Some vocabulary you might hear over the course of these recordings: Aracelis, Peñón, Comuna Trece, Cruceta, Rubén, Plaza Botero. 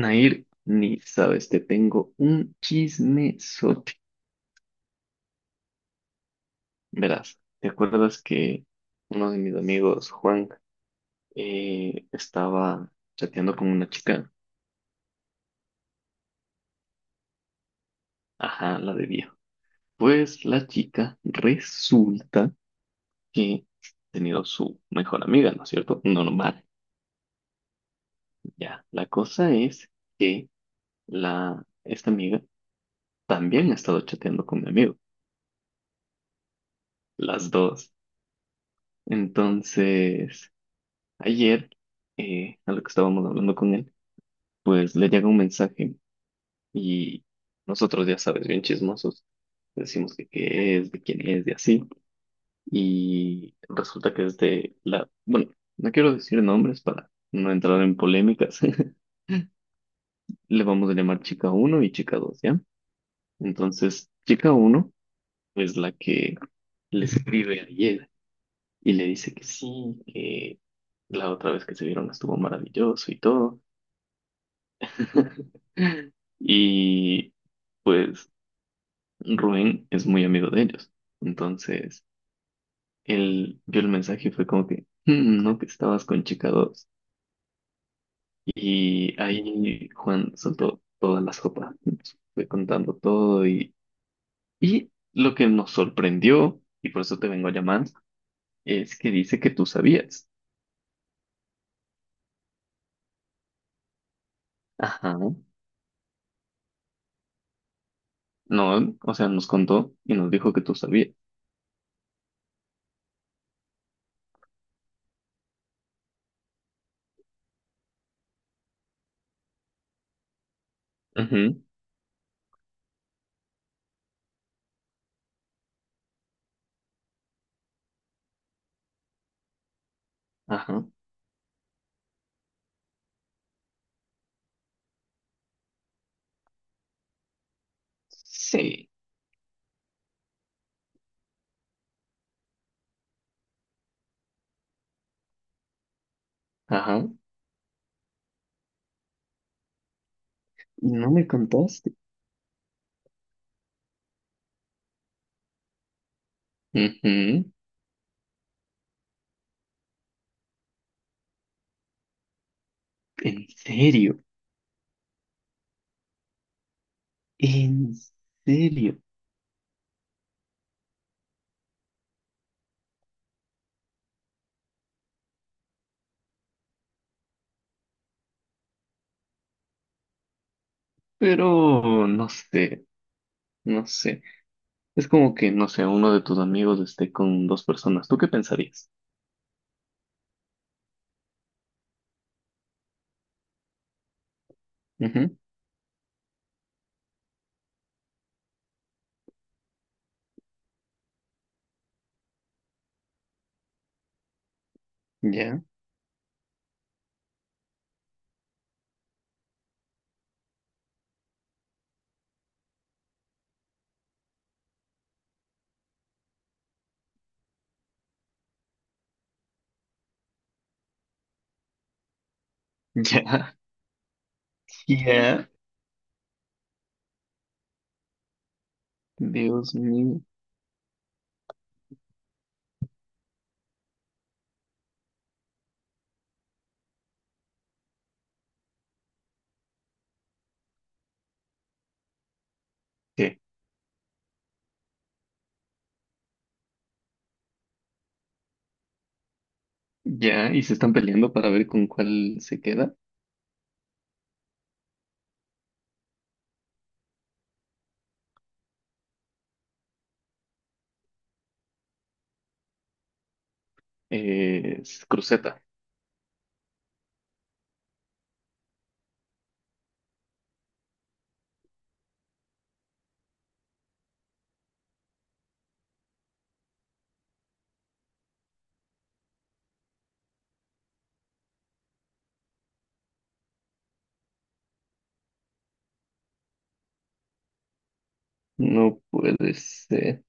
Nair, ni sabes, te tengo un chismesote. Verás, ¿te acuerdas que uno de mis amigos, Juan, estaba chateando con una chica? Ajá, la de viejo. Pues la chica resulta que ha tenido su mejor amiga, ¿no es cierto? Normal, ya. La cosa es que esta amiga también ha estado chateando con mi amigo, las dos. Entonces, ayer, a lo que estábamos hablando con él, pues le llega un mensaje y nosotros, ya sabes, bien chismosos, decimos que qué es, de quién es, de así. Y resulta que es bueno, no quiero decir nombres para no entrar en polémicas. Le vamos a llamar chica uno y chica dos, ¿ya? Entonces, chica uno es la que le escribe ayer y le dice que sí, que la otra vez que se vieron estuvo maravilloso y todo. Y pues Rubén es muy amigo de ellos. Entonces, él vio el mensaje y fue como que, "Mm, no, que estabas con chica 2". Y ahí Juan soltó toda la sopa. Nos fue contando todo y lo que nos sorprendió, y por eso te vengo a llamar, es que dice que tú sabías. Ajá. No, o sea, nos contó y nos dijo que tú sabías. Ujú. Ajá. Sí. Ajá. Y no me contaste. Ujú. En serio, en serio. Pero no sé, no sé. Es como que, no sé, uno de tus amigos esté con dos personas. ¿Tú qué pensarías? Ujú. Ya, ya, ya. Dios mío. ¿Qué? Ya, y se están peleando para ver con cuál se queda. Es Cruceta. No puede ser.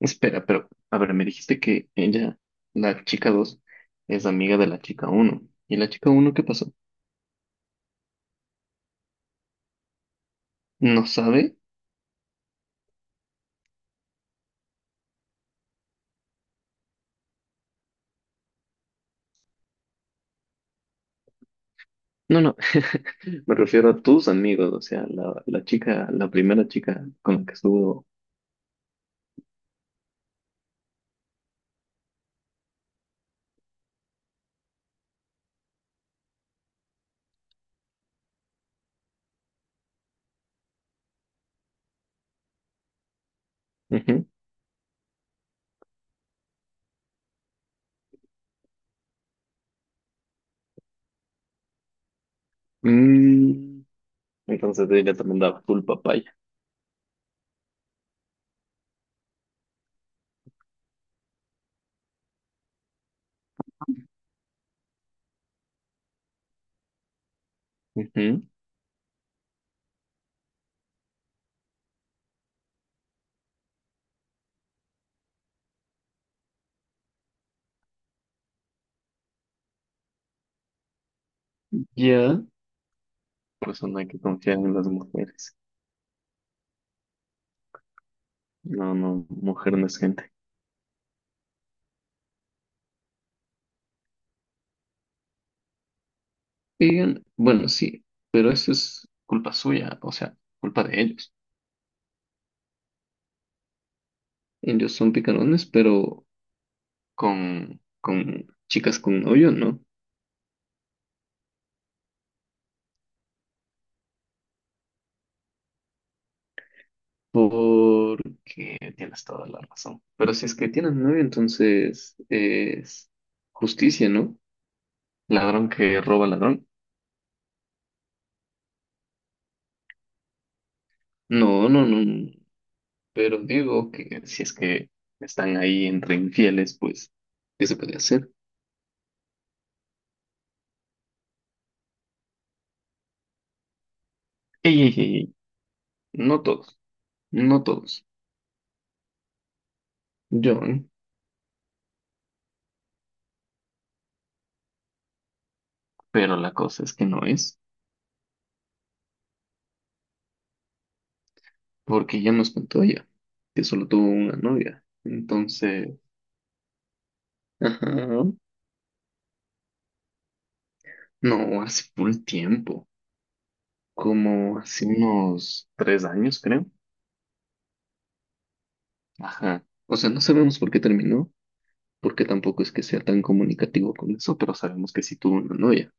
Espera, pero, a ver, me dijiste que la chica 2 es amiga de la chica uno. ¿Y la chica uno qué pasó? ¿No sabe? No, no, me refiero a tus amigos, o sea, la primera chica con la que estuvo. Ujú. Mm, Entonces ella también daba full papaya. Ujú. Ya. Por no hay que confiar en las mujeres. No, no, mujer no es gente. Y, bueno, sí, pero eso es culpa suya, o sea, culpa de ellos. Ellos son picarones, pero con chicas con novio, ¿no? Porque tienes toda la razón. Pero si es que tienen novio, entonces es justicia, ¿no? Ladrón que roba ladrón. No, no, no, no. Pero digo que si es que están ahí entre infieles, pues, ¿qué se puede hacer? Ey, ey, ey, ey. No todos, no todos. John, pero la cosa es que no es, porque ya nos contó ella, que solo tuvo una novia. Entonces, ajá, no, hace full tiempo, como hace unos 3 años, creo. Ajá. O sea, no sabemos por qué terminó, porque tampoco es que sea tan comunicativo con eso, pero sabemos que sí tuvo una novia.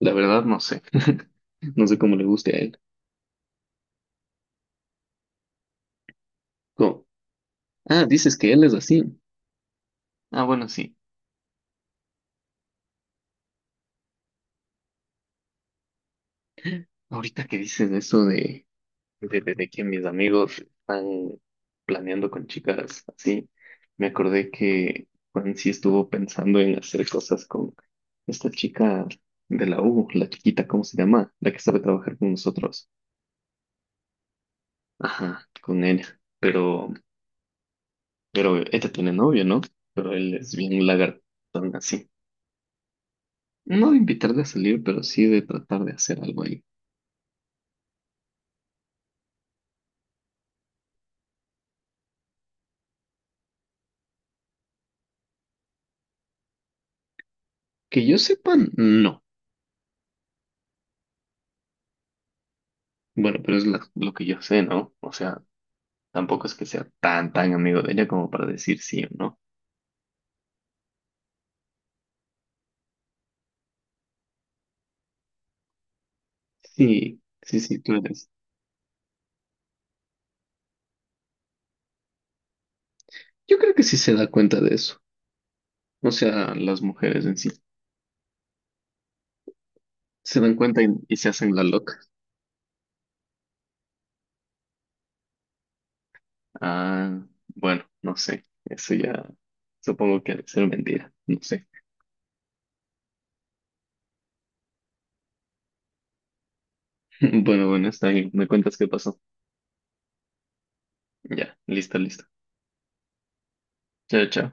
La verdad, no sé. No sé cómo le guste a él. ¿Cómo? Ah, dices que él es así. Ah, bueno, sí. Ahorita que dices eso de que mis amigos están planeando con chicas así, me acordé que Juan sí estuvo pensando en hacer cosas con esta chica de la U, la chiquita, ¿cómo se llama? La que sabe trabajar con nosotros. Ajá, con ella. Pero, pero ella tiene novio, ¿no? Pero él es bien lagartón así. No de invitarle a salir, pero sí de tratar de hacer algo ahí. Que yo sepa, no. Bueno, pero es lo que yo sé, ¿no? O sea, tampoco es que sea tan, tan amigo de ella como para decir sí o no. Sí, sí, sí, tú eres. Yo creo que sí se da cuenta de eso. O sea, las mujeres en sí se dan cuenta y se hacen la loca. Ah, bueno, no sé. Eso ya supongo que ha de ser mentira. No sé. Bueno, bueno, está bien. Me cuentas qué pasó. Ya, listo, listo. Chao, chao.